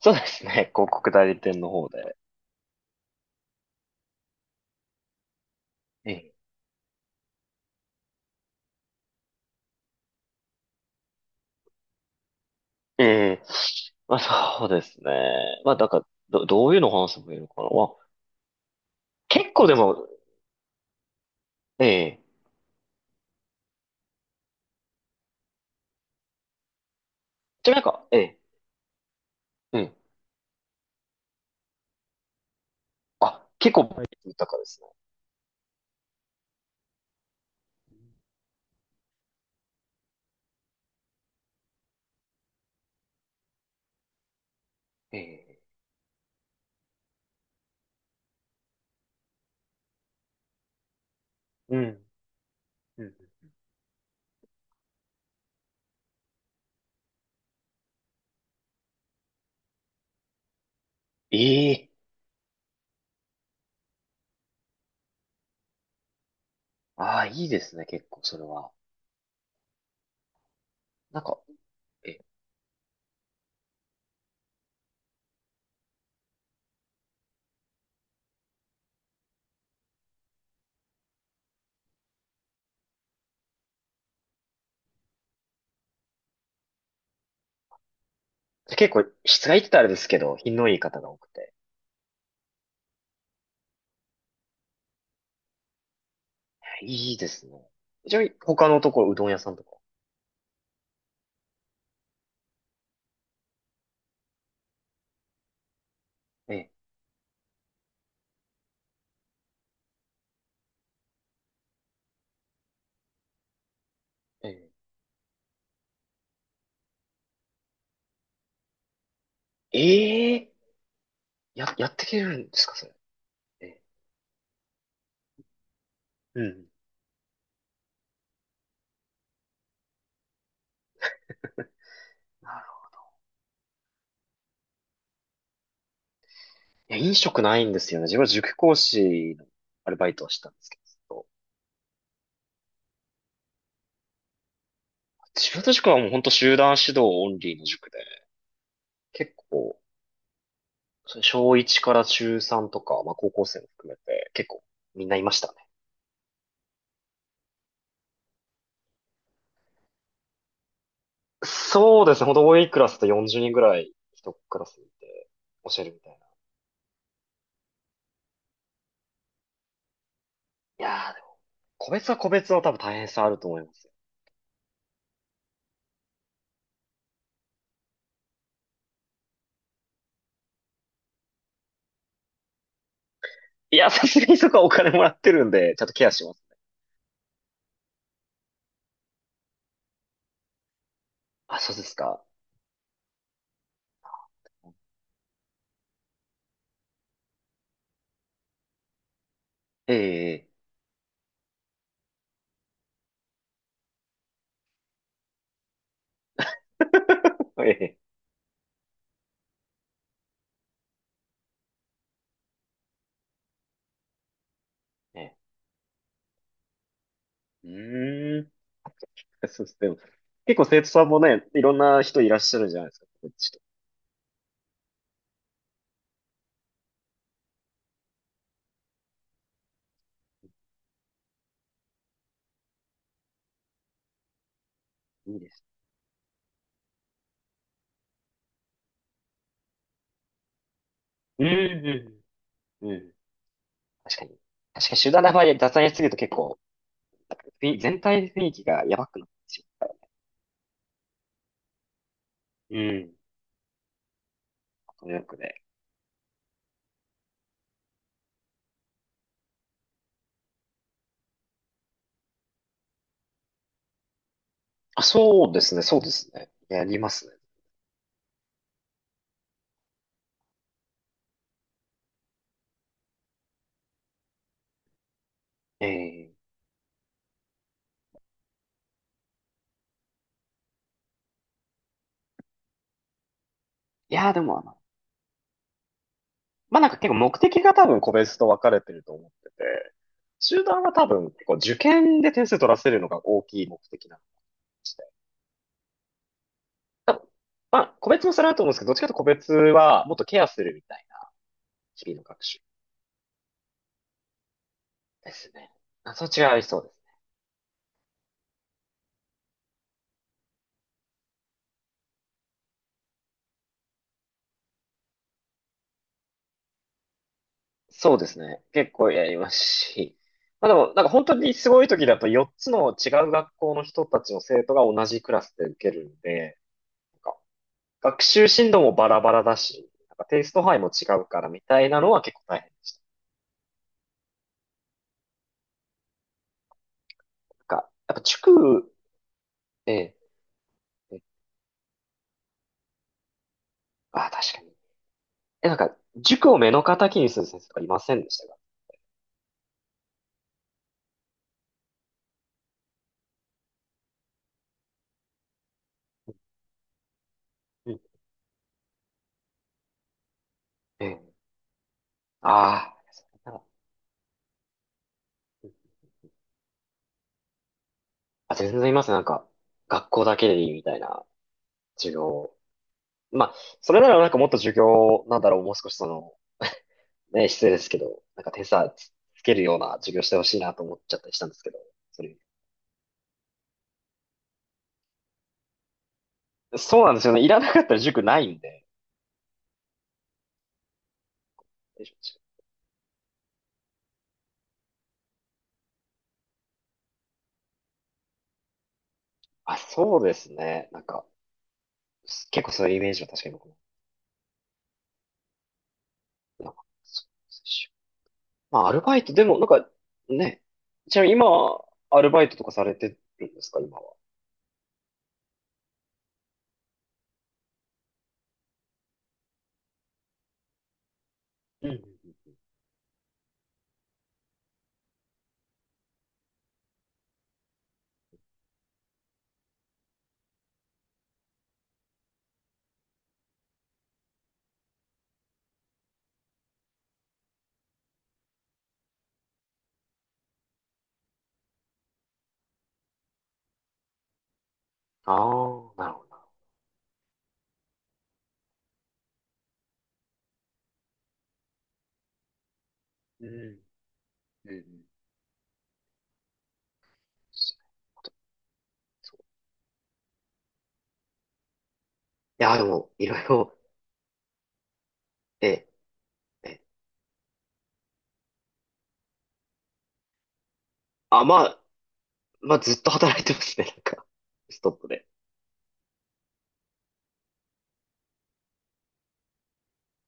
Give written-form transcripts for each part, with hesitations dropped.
そうですね。広告代理店の方で。ええ。えまあそうですね。まあだから、どういうのを話せばいいのかな。まあ、結構でも、ええ。じゃなんか、ええ。うん。あ、結構豊かですね。ええ。うん。うん。ええ。ああ、いいですね。結構それは。なんか、ええ。結構、質がいいって言ったらあれですけど、品のいい方が多くて。いいですね。ちなみに、他のところ、うどん屋さんとか。ええ。ええ。ええ、やってくれるんですか、それ。ええ。うん。なるほど。いや、飲食ないんですよね。自分は塾講師のアルバイトをしてたんですけど、ずっと、自分の塾はもう本当集団指導オンリーの塾で、結構、それ小1から中3とか、まあ高校生も含めて、結構みんないましたね。そうですね。本当多いクラスと40人ぐらい一クラスにいて教えるみたいな。いやーでも、個別は個別の多分大変さあると思いますよ。いや、さすがにそこはお金もらってるんで、ちゃんとケアします。あ、そうですか。ええ、ええ、ええ、ええ、うーん。そうです。でも、結構生徒さんもね、いろんな人いらっしゃるじゃないですか。こっちと。いいです。うん、うんうん。確かに。確かに集団の場合、雑談やりすぎると結構、雰囲全体の雰囲気がやばくなってし、ん、うん。うん。ニューヨークで。あ、そうですね、そうですね。やりますね。ええ。いやー、でもあの、まあ、なんか結構目的が多分個別と分かれてると思ってて、集団は多分結構受験で点数取らせるのが大きい目的なの。あ、まあ、個別もそれあると思うんですけど、どっちかというと個別はもっとケアするみたいな、日々の学習ですね。あ、そっちがありそうです。そうですね。結構やりますし。まあでも、なんか本当にすごい時だと4つの違う学校の人たちの生徒が同じクラスで受けるんで、なんか学習進度もバラバラだし、なんかテイスト範囲も違うからみたいなのは結構大変。なんか、やっぱ塾、ええ、ええ、あ、確かに。え、なんか、塾を目の敵にする先生とかいませんでしたか？うん。ええ、ああ。あ、全然います。なんか、学校だけでいいみたいな授業。まあ、それならなんかもっと授業、なんだろう、もう少しその、ね、失礼ですけど、なんか手差つ、つけるような授業してほしいなと思っちゃったりしたんですけど、それ。そうなんですよね。いらなかったら塾ないんで。あ、そうですね。なんか、結構そういうイメージは確かに僕も。なんかそうですし、まあ、アルバイト、でもなんか、ね、ちなみに今、アルバイトとかされてるんですか、今は。うん。ああ、なるほどな。うん。うんうん。いや、でも、いろいろ、え、え、あ、まあ、まあ、ずっと働いてますね、なんか、ストップで。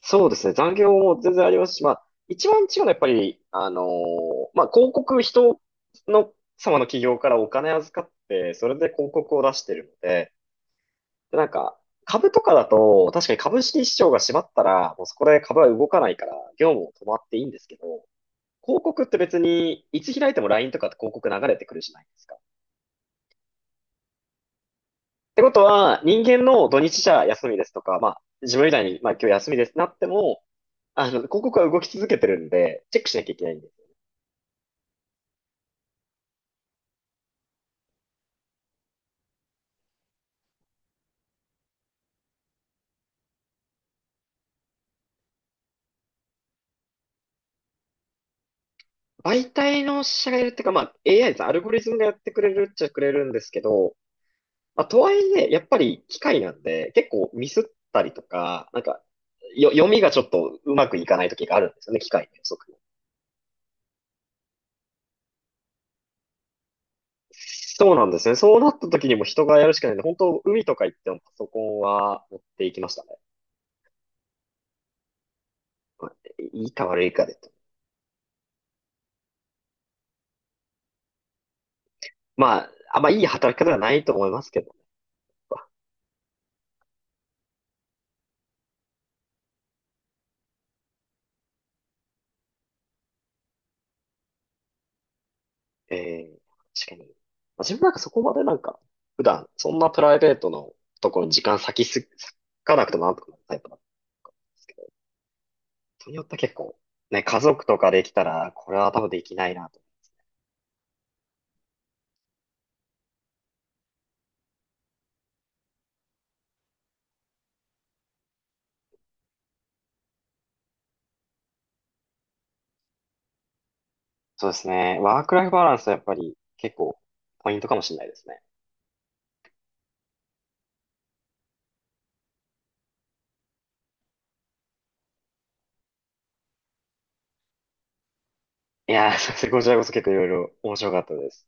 そうですね、残業も全然ありますし、まあ、一番違うのはやっぱり、まあ、広告、人の、様の企業からお金預かって、それで広告を出してるので、でなんか、株とかだと、確かに株式市場が閉まったら、もうそこで株は動かないから、業務も止まっていいんですけど、広告って別に、いつ開いても LINE とかって広告流れてくるじゃないですか。ってことは、人間の土日じゃ休みですとか、まあ、自分みたいに、まあ、今日休みですってなっても、あの、広告は動き続けてるんで、チェックしなきゃいけないんです。媒体の社がいるっていうか、まあ、AI です。アルゴリズムがやってくれるっちゃくれるんですけど、まあ、とはいえ、やっぱり機械なんで、結構ミスったりとか、なんか、読みがちょっとうまくいかない時があるんですよね、機械の予測も。そうなんですね。そうなった時にも人がやるしかないんで、本当海とか行ってもパソコンは持っていきましたね。まあ、いいか悪いかで、まあ、あんまいい働き方ではないと思いますけど、ええ、確かに。まあ自分なんかそこまでなんか、普段、そんなプライベートのところに時間割きす、割かなくてもなんとかなるタイプなんですけど、人によって結構、ね、家族とかできたら、これは多分できないなと。そうですね。ワークライフバランスはやっぱり結構、ポイントかもしれないですね。いやー、すいません、こちらこそ結構いろいろ面白かったです。